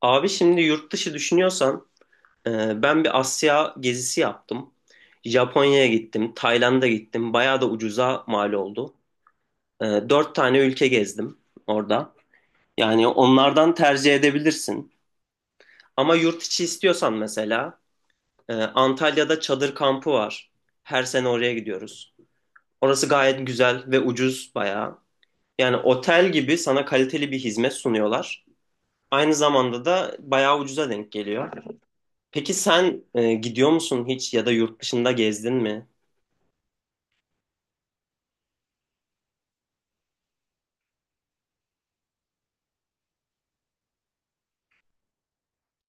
Abi şimdi yurt dışı düşünüyorsan ben bir Asya gezisi yaptım. Japonya'ya gittim, Tayland'a gittim. Bayağı da ucuza mal oldu. Dört tane ülke gezdim orada. Yani onlardan tercih edebilirsin. Ama yurt içi istiyorsan mesela Antalya'da çadır kampı var. Her sene oraya gidiyoruz. Orası gayet güzel ve ucuz bayağı. Yani otel gibi sana kaliteli bir hizmet sunuyorlar. Aynı zamanda da bayağı ucuza denk geliyor. Peki sen gidiyor musun hiç ya da yurt dışında gezdin mi?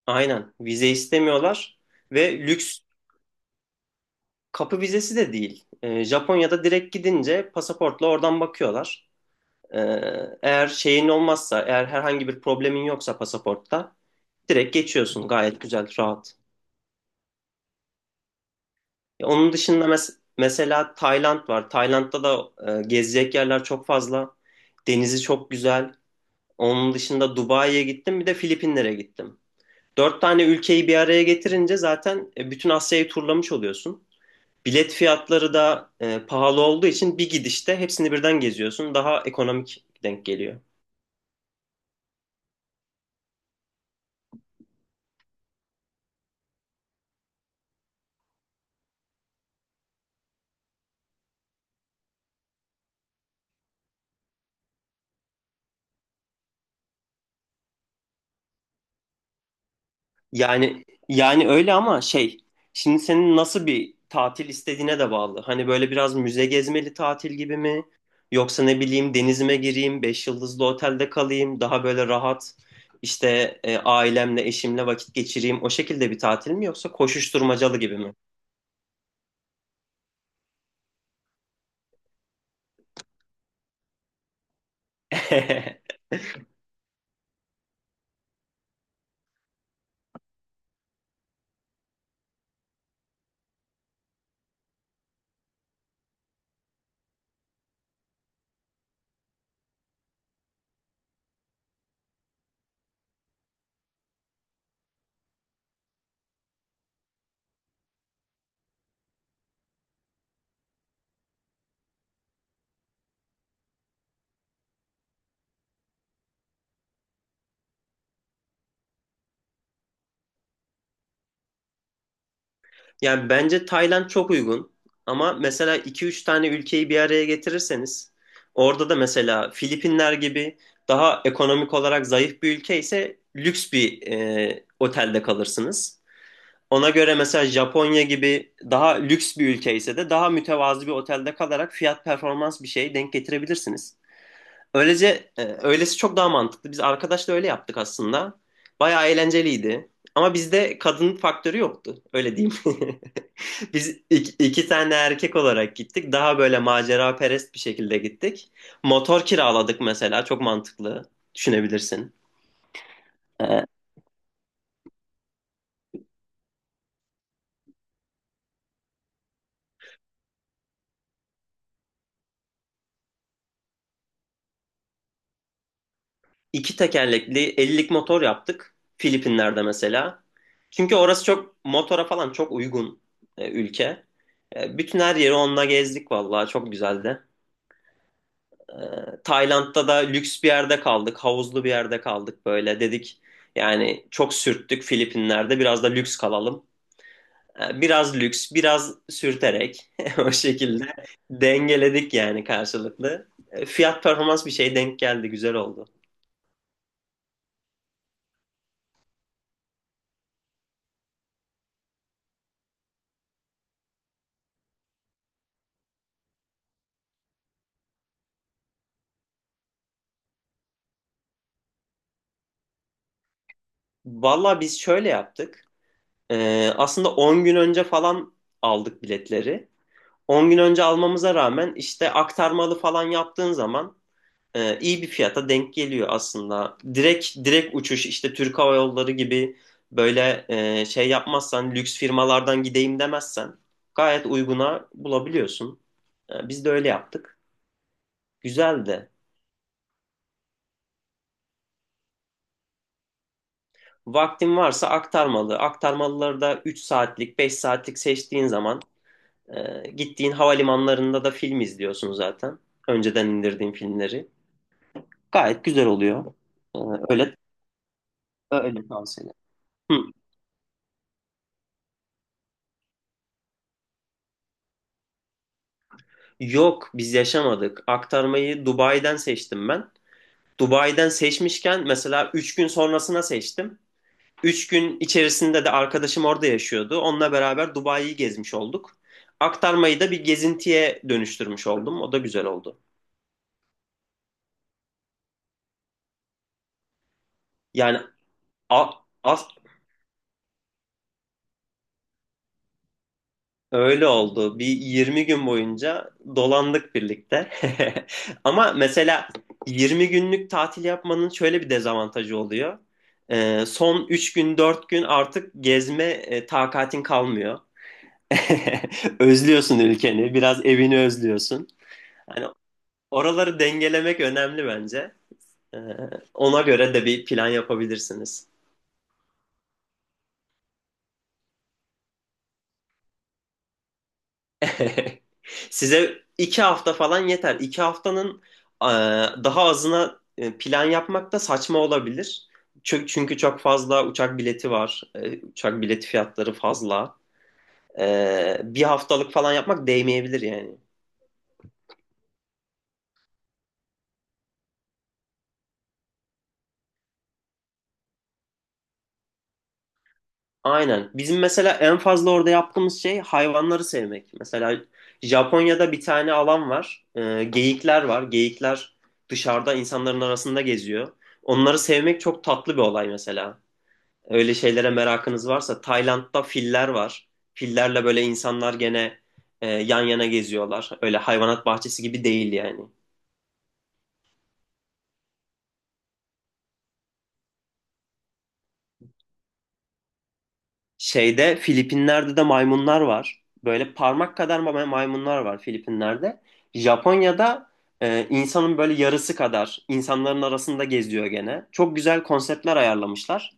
Aynen. Vize istemiyorlar ve lüks kapı vizesi de değil. Japonya'da direkt gidince pasaportla oradan bakıyorlar. E, Eğer şeyin olmazsa, eğer herhangi bir problemin yoksa pasaportta direkt geçiyorsun. Gayet güzel, rahat. Onun dışında mesela Tayland var. Tayland'da da gezecek yerler çok fazla. Denizi çok güzel. Onun dışında Dubai'ye gittim, bir de Filipinlere gittim. Dört tane ülkeyi bir araya getirince zaten bütün Asya'yı turlamış oluyorsun. Bilet fiyatları da pahalı olduğu için bir gidişte hepsini birden geziyorsun. Daha ekonomik denk geliyor. Yani öyle ama şey, şimdi senin nasıl bir tatil istediğine de bağlı. Hani böyle biraz müze gezmeli tatil gibi mi? Yoksa ne bileyim denizime gireyim, beş yıldızlı otelde kalayım, daha böyle rahat işte ailemle, eşimle vakit geçireyim. O şekilde bir tatil mi yoksa koşuşturmacalı gibi mi? Yani bence Tayland çok uygun. Ama mesela iki üç tane ülkeyi bir araya getirirseniz orada da mesela Filipinler gibi daha ekonomik olarak zayıf bir ülke ise lüks bir otelde kalırsınız. Ona göre mesela Japonya gibi daha lüks bir ülke ise de daha mütevazı bir otelde kalarak fiyat performans bir şey denk getirebilirsiniz. Öylece öylesi çok daha mantıklı. Biz arkadaşla öyle yaptık aslında. Bayağı eğlenceliydi. Ama bizde kadın faktörü yoktu. Öyle diyeyim. Biz iki tane erkek olarak gittik. Daha böyle macera perest bir şekilde gittik. Motor kiraladık mesela. Çok mantıklı. Düşünebilirsin. Ee, iki tekerlekli 50'lik motor yaptık. Filipinler'de mesela. Çünkü orası çok motora falan çok uygun ülke. Bütün her yeri onunla gezdik vallahi. Çok güzeldi. Tayland'da da lüks bir yerde kaldık. Havuzlu bir yerde kaldık böyle. Dedik yani çok sürttük Filipinler'de. Biraz da lüks kalalım. Biraz lüks, biraz sürterek o şekilde dengeledik yani karşılıklı. Fiyat performans bir şey denk geldi. Güzel oldu. Valla biz şöyle yaptık. Aslında 10 gün önce falan aldık biletleri. 10 gün önce almamıza rağmen işte aktarmalı falan yaptığın zaman iyi bir fiyata denk geliyor aslında. Direkt uçuş işte Türk Hava Yolları gibi böyle şey yapmazsan lüks firmalardan gideyim demezsen gayet uyguna bulabiliyorsun. Biz de öyle yaptık. Güzeldi. Vaktin varsa aktarmalı. Aktarmalıları da 3 saatlik, 5 saatlik seçtiğin zaman gittiğin havalimanlarında da film izliyorsun zaten. Önceden indirdiğin filmleri. Gayet güzel oluyor. E, öyle öyle tavsiye ederim. Hı. Yok biz yaşamadık. Aktarmayı Dubai'den seçtim ben. Dubai'den seçmişken mesela 3 gün sonrasına seçtim. 3 gün içerisinde de arkadaşım orada yaşıyordu. Onunla beraber Dubai'yi gezmiş olduk. Aktarmayı da bir gezintiye dönüştürmüş oldum. O da güzel oldu. Yani a- as- Öyle oldu. Bir 20 gün boyunca dolandık birlikte. Ama mesela 20 günlük tatil yapmanın şöyle bir dezavantajı oluyor. Son 3 gün 4 gün artık gezme takatin kalmıyor. Özlüyorsun ülkeni, biraz evini özlüyorsun. Hani oraları dengelemek önemli bence. Ee, Ona göre de bir plan yapabilirsiniz. Size iki hafta falan yeter. İki haftanın e, daha azına plan yapmak da saçma olabilir. Çünkü çok fazla uçak bileti var. Uçak bileti fiyatları fazla. Bir haftalık falan yapmak değmeyebilir yani. Aynen. Bizim mesela en fazla orada yaptığımız şey hayvanları sevmek. Mesela Japonya'da bir tane alan var. Geyikler var. Geyikler dışarıda insanların arasında geziyor. Onları sevmek çok tatlı bir olay mesela. Öyle şeylere merakınız varsa Tayland'da filler var. Fillerle böyle insanlar gene yan yana geziyorlar. Öyle hayvanat bahçesi gibi değil yani. Şeyde Filipinler'de de maymunlar var. Böyle parmak kadar maymunlar var Filipinler'de. Japonya'da insanın böyle yarısı kadar insanların arasında geziyor gene. Çok güzel konseptler ayarlamışlar.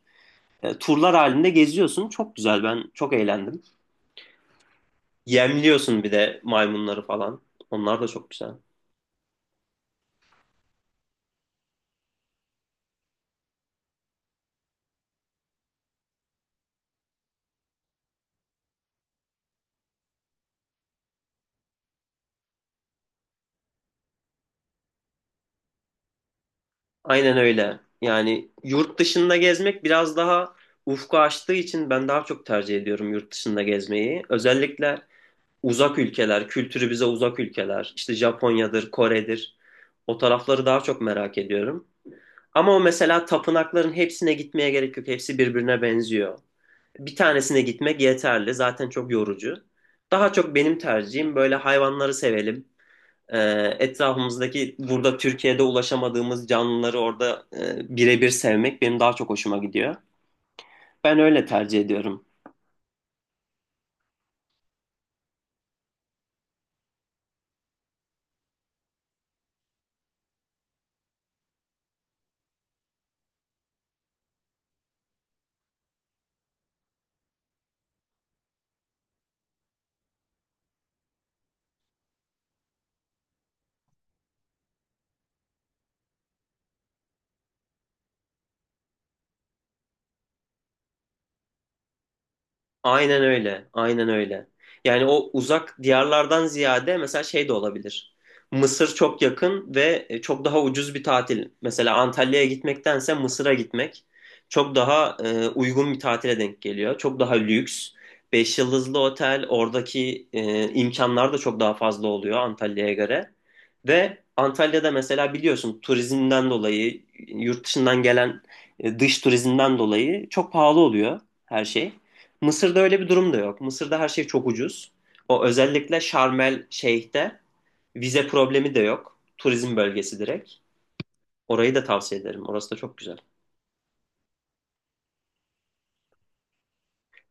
Turlar halinde geziyorsun. Çok güzel, ben çok eğlendim. Yemliyorsun bir de maymunları falan. Onlar da çok güzel. Aynen öyle. Yani yurt dışında gezmek biraz daha ufku açtığı için ben daha çok tercih ediyorum yurt dışında gezmeyi. Özellikle uzak ülkeler, kültürü bize uzak ülkeler, işte Japonya'dır, Kore'dir. O tarafları daha çok merak ediyorum. Ama o mesela tapınakların hepsine gitmeye gerek yok. Hepsi birbirine benziyor. Bir tanesine gitmek yeterli. Zaten çok yorucu. Daha çok benim tercihim böyle hayvanları sevelim. E, Etrafımızdaki burada Türkiye'de ulaşamadığımız canlıları orada birebir sevmek benim daha çok hoşuma gidiyor. Ben öyle tercih ediyorum. Aynen öyle. Aynen öyle. Yani o uzak diyarlardan ziyade mesela şey de olabilir. Mısır çok yakın ve çok daha ucuz bir tatil. Mesela Antalya'ya gitmektense Mısır'a gitmek çok daha uygun bir tatile denk geliyor. Çok daha lüks. Beş yıldızlı otel, oradaki imkanlar da çok daha fazla oluyor Antalya'ya göre. Ve Antalya'da mesela biliyorsun turizmden dolayı, yurt dışından gelen dış turizmden dolayı çok pahalı oluyor her şey. Mısır'da öyle bir durum da yok. Mısır'da her şey çok ucuz. O özellikle Şarmel Şeyh'te vize problemi de yok. Turizm bölgesi direkt. Orayı da tavsiye ederim. Orası da çok güzel.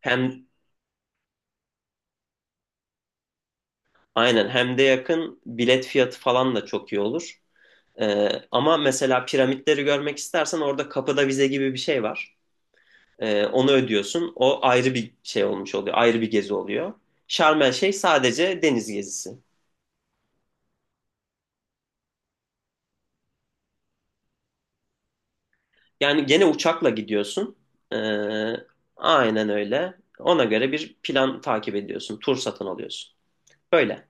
Hem aynen hem de yakın, bilet fiyatı falan da çok iyi olur. Ama mesela piramitleri görmek istersen orada kapıda vize gibi bir şey var. Onu ödüyorsun. O ayrı bir şey olmuş oluyor. Ayrı bir gezi oluyor. Şarmel Şeyh sadece deniz gezisi. Yani gene uçakla gidiyorsun. Ee, aynen öyle. Ona göre bir plan takip ediyorsun. Tur satın alıyorsun. Böyle.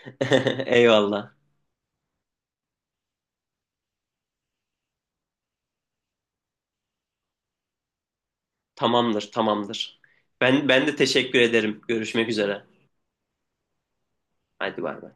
Eyvallah. Tamamdır, tamamdır. Ben de teşekkür ederim. Görüşmek üzere. Hadi bay bay.